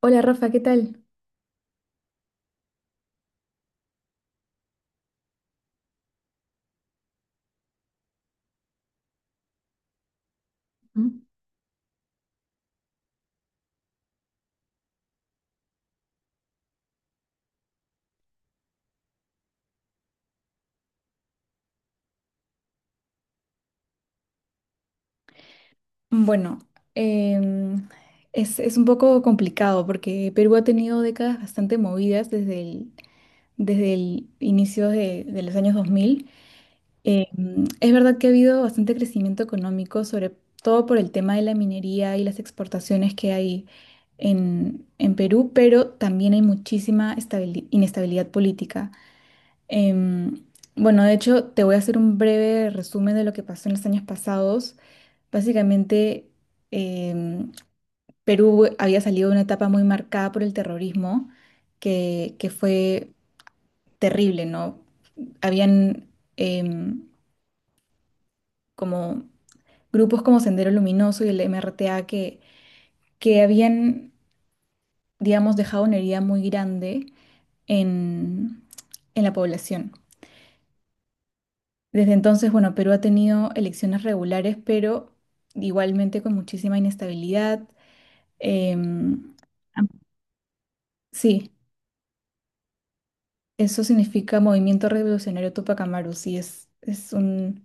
Hola Rafa, ¿qué tal? Mm. Bueno, em, es un poco complicado porque Perú ha tenido décadas bastante movidas desde el inicio de los años 2000. Es verdad que ha habido bastante crecimiento económico, sobre todo por el tema de la minería y las exportaciones que hay en Perú, pero también hay muchísima inestabilidad política. Em, bueno, de hecho, te voy a hacer un breve resumen de lo que pasó en los años pasados. Básicamente, em, Perú había salido de una etapa muy marcada por el terrorismo, que fue terrible, ¿no? Habían em, como grupos como Sendero Luminoso y el MRTA que habían, digamos, dejado una herida muy grande en, en la población. Desde entonces, bueno, Perú ha tenido elecciones regulares, pero igualmente con muchísima inestabilidad. em, Sí. Eso significa Movimiento Revolucionario Tupac Amaru, sí, es un,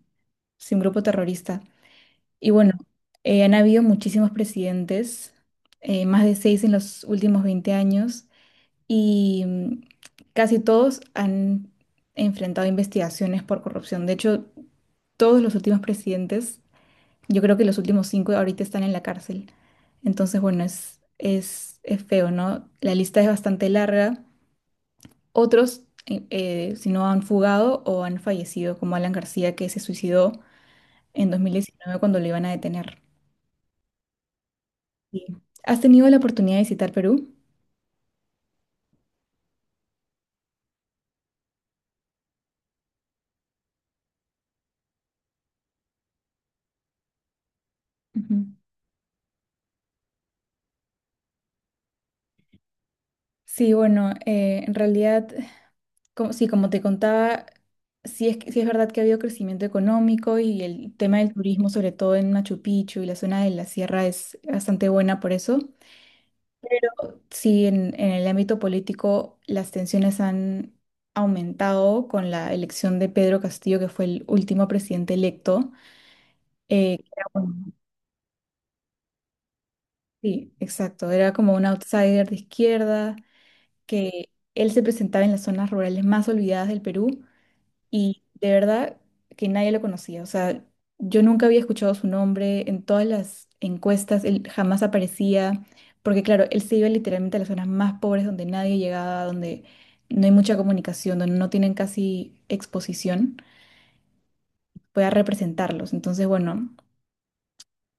sí, un grupo terrorista. Y bueno, han habido muchísimos presidentes, más de seis en los últimos 20 años, y casi todos han enfrentado investigaciones por corrupción. De hecho, todos los últimos presidentes, yo creo que los últimos cinco ahorita están en la cárcel. Entonces, bueno, es feo, ¿no? La lista es bastante larga. Otros, si no han fugado o han fallecido, como Alan García, que se suicidó en dos mil diecinueve cuando lo iban a detener. Sí. ¿Has tenido la oportunidad de visitar Perú? Ujú. Sí, bueno, en realidad, como, sí, como te contaba, sí es verdad que ha habido crecimiento económico y el tema del turismo, sobre todo en Machu Picchu y la zona de la sierra, es bastante buena por eso. Sí, en el ámbito político las tensiones han aumentado con la elección de Pedro Castillo, que fue el último presidente electo. eh, que era un- sí, exacto. Era como un outsider de izquierda, que él se presentaba en las zonas rurales más olvidadas del Perú. Y de verdad que nadie lo conocía. O sea, yo nunca había escuchado su nombre en todas las encuestas, él jamás aparecía, porque claro, él se iba literalmente a las zonas más pobres donde nadie llegaba, donde no hay mucha comunicación, donde no tienen casi exposición, fue a representarlos. Entonces, bueno,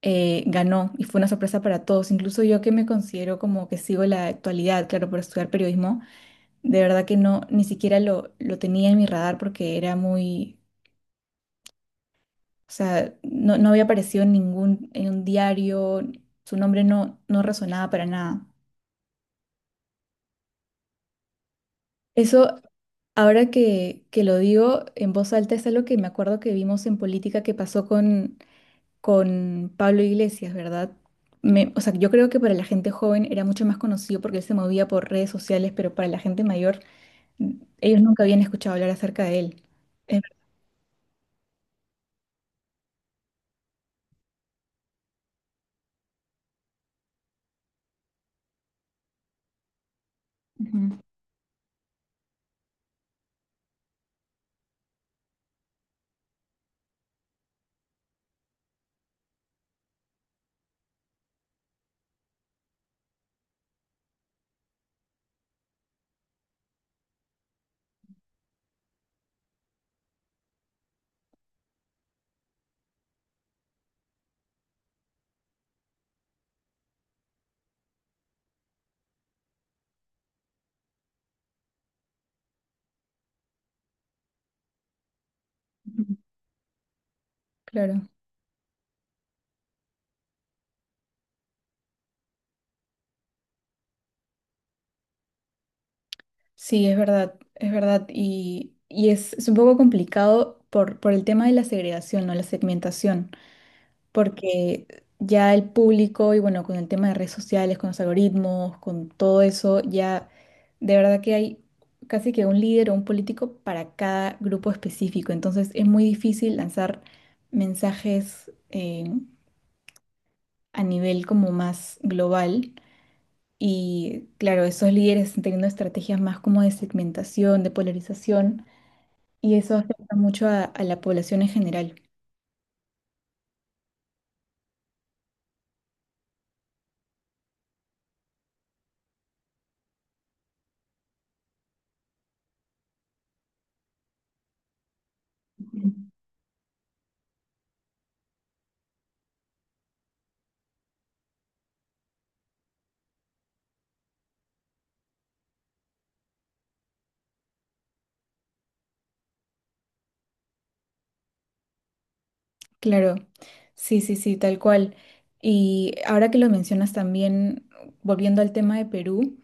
ganó y fue una sorpresa para todos. Incluso yo que me considero como que sigo la actualidad, claro, por estudiar periodismo, de verdad que no, ni siquiera lo tenía en mi radar porque era muy... O sea, no, no había aparecido en en un diario, su nombre no resonaba para nada. Eso, ahora que lo digo en voz alta, es algo que me acuerdo que vimos en política que pasó con Pablo Iglesias, ¿verdad? Yo creo que para la gente joven era mucho más conocido porque él se movía por redes sociales, pero para la gente mayor, mm, ellos nunca habían escuchado hablar acerca de él. Eh, ujú, Ujú, claro. Sí, es verdad, es verdad. Y es un poco complicado por el tema de la segregación, ¿no? La segmentación, porque ya el público, y bueno, con el tema de redes sociales, con los algoritmos, con todo eso, ya de verdad que hay casi que un líder o un político para cada grupo específico. Entonces es muy difícil lanzar mensajes a nivel como más global. Y claro, esos líderes están teniendo estrategias más como de segmentación, de polarización y eso afecta mucho a la población en general. Claro, sí, sí, sí, tal cual. Y ahora que lo mencionas también, volviendo al tema de Perú,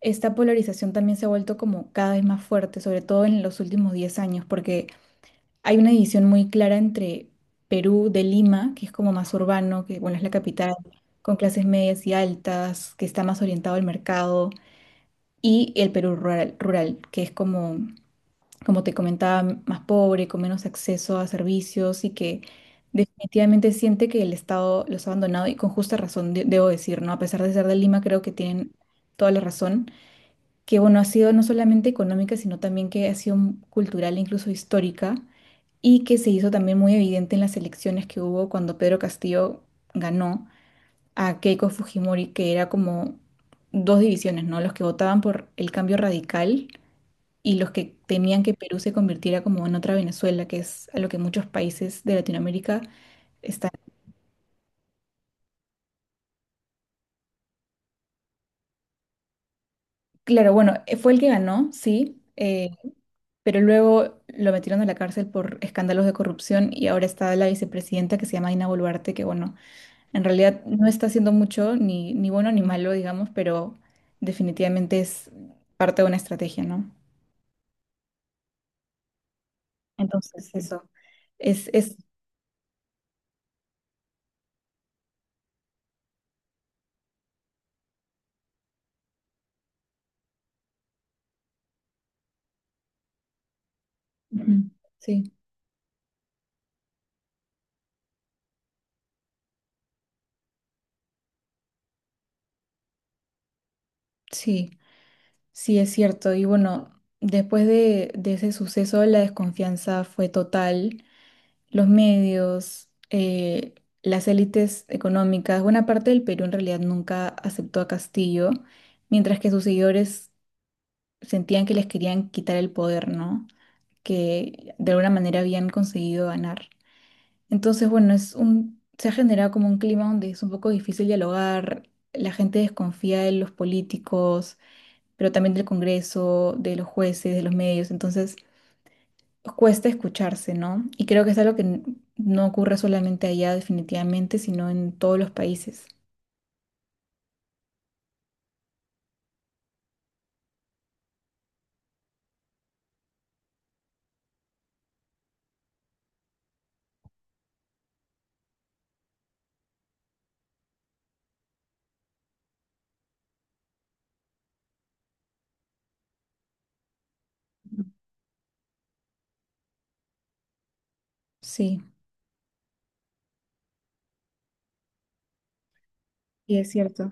esta polarización también se ha vuelto como cada vez más fuerte, sobre todo en los últimos 10 años, porque hay una división muy clara entre Perú de Lima, que es como más urbano, que bueno, es la capital, con clases medias y altas, que está más orientado al mercado, y el Perú rural, rural, que es como como te comentaba, más pobre, con menos acceso a servicios y que definitivamente siente que el Estado los ha abandonado y con justa razón, debo decir, ¿no? A pesar de ser de Lima, creo que tienen toda la razón, que bueno, ha sido no solamente económica, sino también que ha sido cultural e incluso histórica y que se hizo también muy evidente en las elecciones que hubo cuando Pedro Castillo ganó a Keiko Fujimori, que era como dos divisiones, ¿no? Los que votaban por el cambio radical y los que temían que Perú se convirtiera como en otra Venezuela, que es a lo que muchos países de Latinoamérica están. Claro, bueno, fue el que ganó, sí, pero luego lo metieron a la cárcel por escándalos de corrupción y ahora está la vicepresidenta que se llama Dina Boluarte, que bueno, en realidad no está haciendo mucho, ni, ni bueno ni malo, digamos, pero definitivamente es parte de una estrategia, ¿no? Entonces, eso es, es, ujú, sí, sí. Sí, es cierto. Y bueno, después de ese suceso, la desconfianza fue total. Los medios, las élites económicas, buena parte del Perú en realidad nunca aceptó a Castillo, mientras que sus seguidores sentían que les querían quitar el poder, ¿no? Que de alguna manera habían conseguido ganar. Entonces, bueno, se ha generado como un clima donde es un poco difícil dialogar, la gente desconfía de los políticos pero también del Congreso, de los jueces, de los medios. Entonces, cuesta escucharse, ¿no? Y creo que es algo no ocurre solamente allá definitivamente, sino en todos los países. Sí. Sí, es cierto.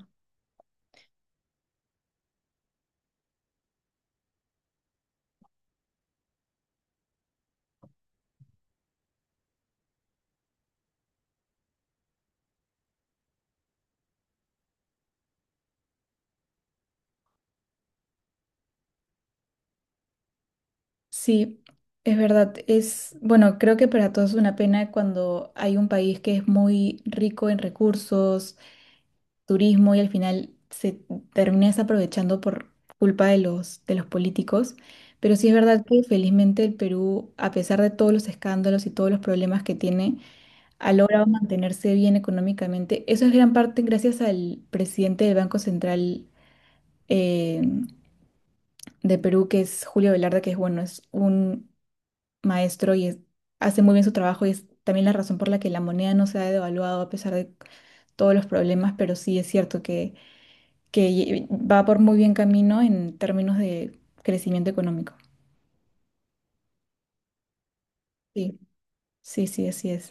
Sí, es verdad. Es, bueno, creo que para todos es una pena cuando hay un país que es muy rico en recursos, turismo y al final se termina desaprovechando por culpa de los políticos. Pero sí es verdad que felizmente el Perú, a pesar de todos los escándalos y todos los problemas que tiene, ha logrado mantenerse bien económicamente. Eso es gran parte gracias al presidente del Banco Central eh, de Perú, que es Julio Velarde, que es bueno, es un maestro hace muy bien su trabajo y es también la razón por la que la moneda no se ha devaluado a pesar de todos los problemas, pero sí es cierto que va por muy bien camino en términos de crecimiento económico. Sí, sí, sí, así es.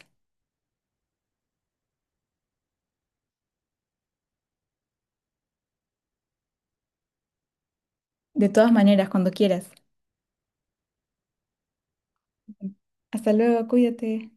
De todas maneras, cuando quieras. Hasta luego, cuídate.